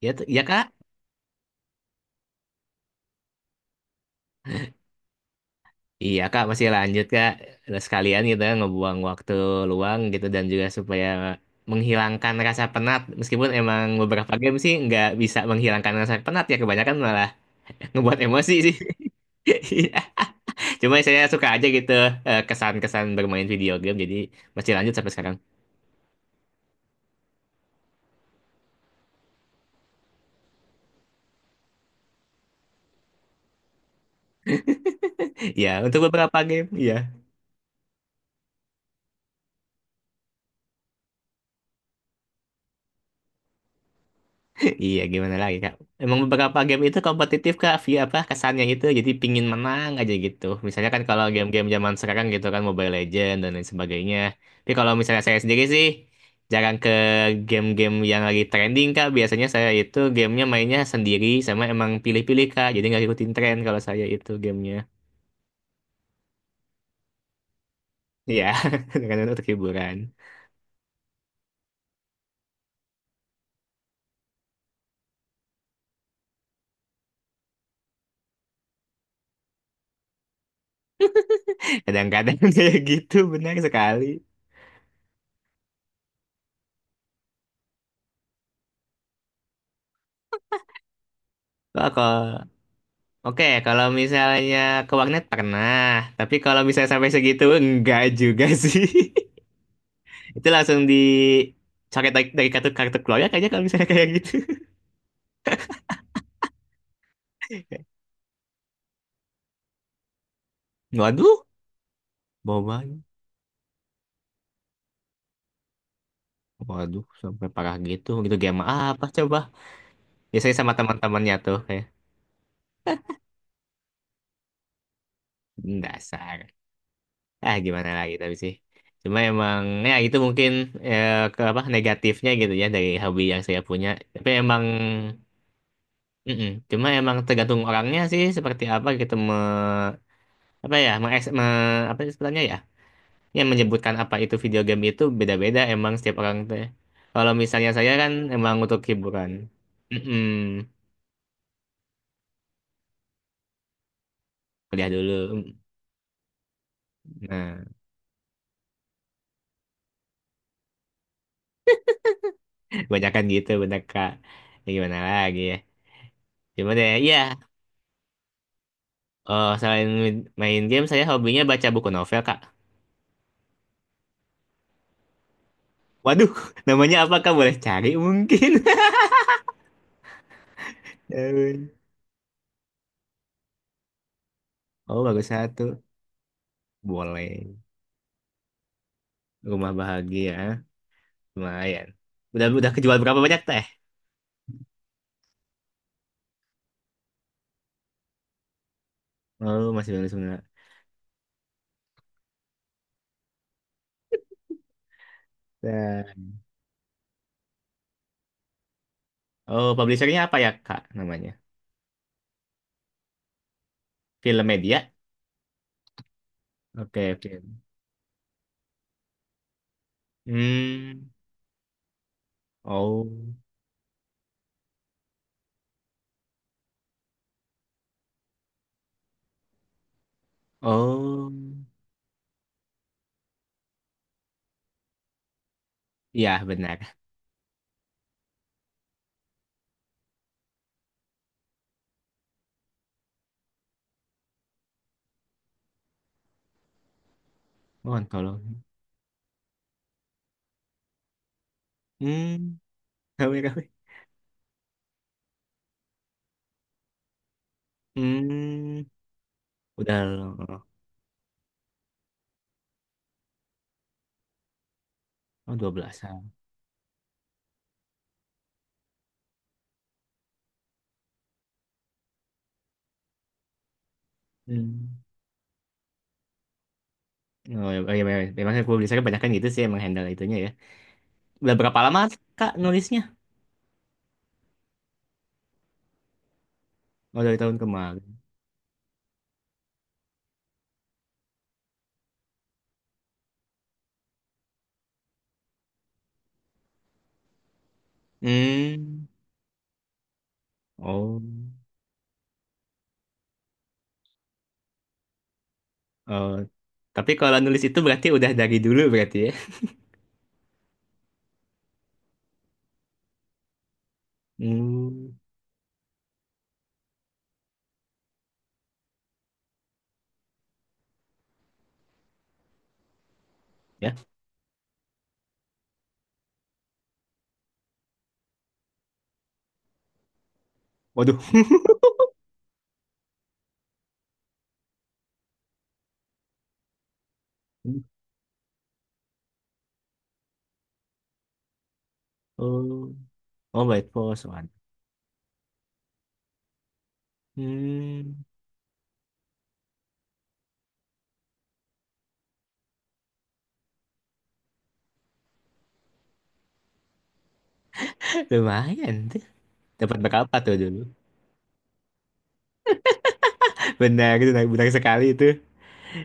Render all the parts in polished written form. Ya, ya kak. Iya kak masih lanjut kak. Udah sekalian gitu ya, ngebuang waktu luang gitu dan juga supaya menghilangkan rasa penat. Meskipun emang beberapa game sih nggak bisa menghilangkan rasa penat ya kebanyakan malah ngebuat emosi sih. Iya. Cuma saya suka aja gitu kesan-kesan bermain video game jadi masih lanjut sampai sekarang. Ya untuk beberapa game. Iya. Iya, gimana lagi, Kak? Emang beberapa game itu kompetitif, Kak. Via apa kesannya itu jadi pingin menang aja gitu. Misalnya kan kalau game-game zaman sekarang gitu kan Mobile Legends dan lain sebagainya. Tapi kalau misalnya saya sendiri sih jarang ke game-game yang lagi trending, Kak. Biasanya saya itu gamenya mainnya sendiri sama emang pilih-pilih, Kak. Jadi nggak ikutin tren kalau saya itu gamenya. Iya, kadang-kadang untuk hiburan. Kadang-kadang kayak gitu, benar sekali. Wah, oke, kalau misalnya ke warnet pernah, tapi kalau misalnya sampai segitu enggak juga sih. Itu langsung dicoret dari kartu kartu keluarga kayaknya kalau misalnya kayak gitu. Waduh, bawaan. Waduh, sampai parah gitu. Gitu game apa coba? Biasanya sama teman-temannya tuh kayak, "Hmm, dasar." Ah, gimana lagi tapi sih. Cuma emang ya itu mungkin ke apa negatifnya gitu ya dari hobi yang saya punya. Tapi emang mm-mm. Cuma emang tergantung orangnya sih seperti apa gitu apa ya me, me, apa sih sebutannya ya yang menyebutkan apa itu video game itu beda-beda emang setiap orang teh. Kalau misalnya saya kan emang untuk hiburan. Mm-mm. Kuliah dulu. Mm. Nah, kebanyakan gitu bener Kak. Ya gimana lagi ya. Cuma deh iya. Oh, selain main game saya hobinya baca buku novel Kak. Waduh, namanya apa Kak? Boleh cari mungkin. Ya ampun. Oh, bagus satu. Boleh. Rumah bahagia. Lumayan. Udah kejual berapa banyak teh? Oh, masih baru sebenarnya. Teh. Oh, publishernya apa ya, Kak, namanya? Film Media? Oke, film. Hmm. Oh. Oh. Iya, benar. Mohon tolong. Hmm. Kami. Hmm. Udah, loh. Oh, 12-an. Hmm. Oh, ya, ya, ya, ya. Memang publishernya banyak kan gitu sih emang handle itunya ya. Udah berapa lama, Kak, nulisnya? Oh, dari tahun kemarin. Hmm. Oh. Oh, tapi kalau nulis itu berarti udah dari dulu berarti ya? Hmm, ya. Waduh. Oh, oh by post one. Hmm, lumayan tuh. Dapat berapa tuh dulu? Benar, benar, benar sekali itu.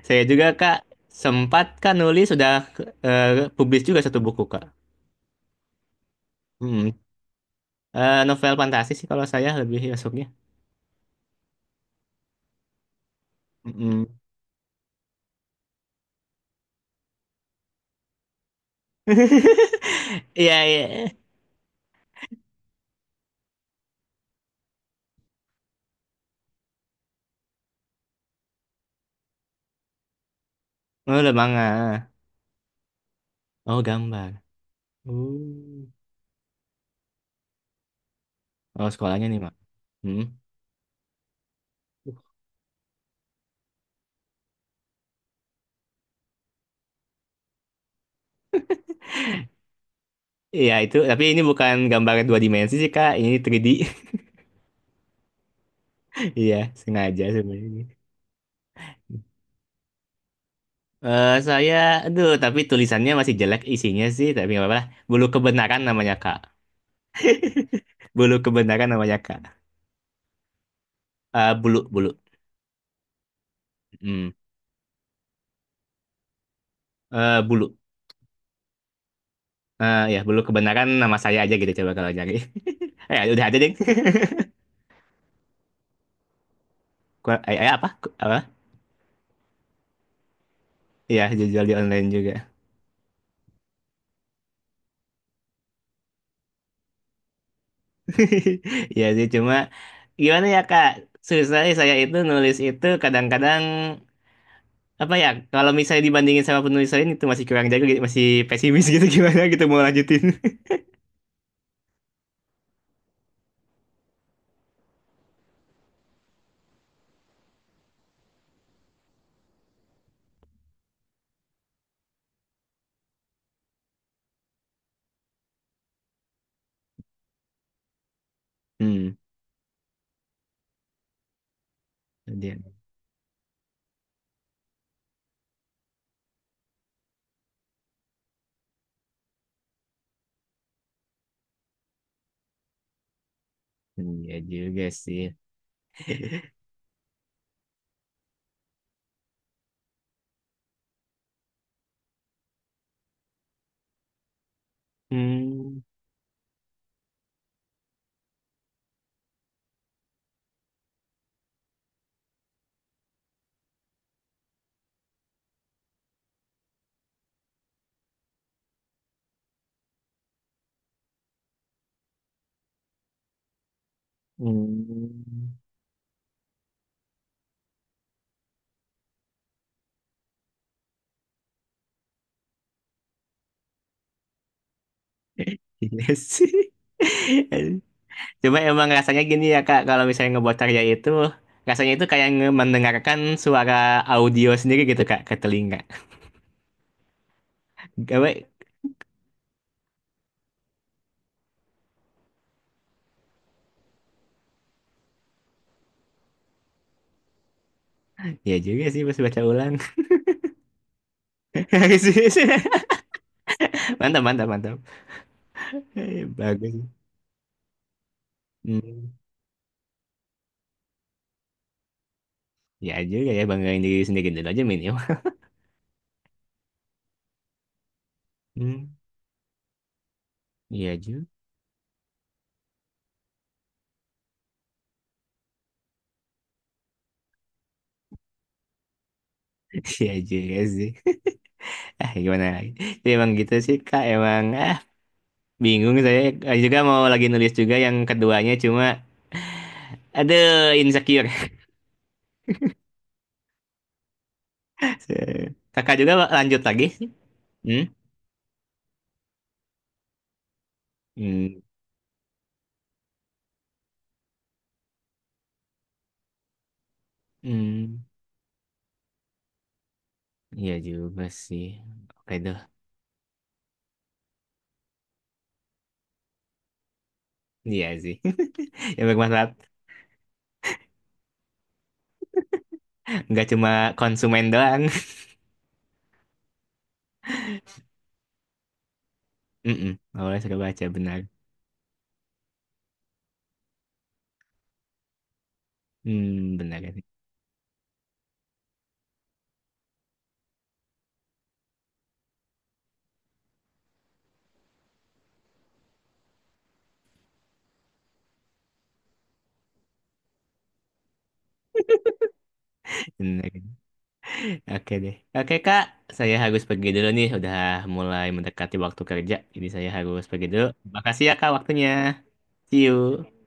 Saya juga kak sempat kan nulis sudah publis juga satu buku kak. Hmm. Novel fantasi sih kalau saya lebih masuknya. Mm-mm. Iya, iya. Oh udah manga. Oh gambar. Oh, oh sekolahnya nih mak. Hmm. Iya itu, tapi ini bukan gambar dua dimensi sih Kak, ini 3D. Iya, sengaja sebenarnya ini. Eh saya, aduh, tapi tulisannya masih jelek isinya sih, tapi nggak apa-apa lah. Bulu kebenaran namanya Kak. Bulu kebenaran namanya Kak. Eh, bulu, bulu. Hmm. Eh, bulu. Eh ya, bulu kebenaran nama saya aja gitu coba kalau nyari. Eh, udah ada deh. Eh, eh, apa? Apa? Iya, jual di online juga. Iya sih, cuma gimana ya Kak? Susah sih saya itu nulis itu kadang-kadang apa ya kalau misalnya dibandingin sama penulis lain itu masih kurang jago gitu, masih pesimis gitu gimana gitu mau lanjutin. Hmm, dia iya juga sih. Hmm, hmm. Iya sih. Coba emang rasanya gini ya Kak, kalau misalnya ngebuat karya itu, rasanya itu kayak mendengarkan suara audio sendiri gitu Kak, ke telinga. Gawe, ya juga sih pas baca ulang. Mantap, mantap, mantap. Bagus. Hmm. Ya juga ya, banggain diri sendiri dulu aja, Min. Hmm, iya juga, iya juga sih. Ah, gimana lagi? Jadi emang gitu sih Kak, emang ah bingung saya. Juga mau lagi nulis juga yang keduanya cuma aduh insecure. Kakak juga lanjut lagi sih. Hmm? Hmm, hmm, iya juga sih. Oke deh, iya sih. Ya bermanfaat, nggak cuma konsumen doang. Mm-mm. Awalnya suka baca benar. Hmm, benar kan. Benar. Oke deh. Oke Kak, saya harus pergi dulu nih. Udah mulai mendekati waktu kerja. Jadi saya harus pergi dulu. Makasih ya Kak waktunya. See you.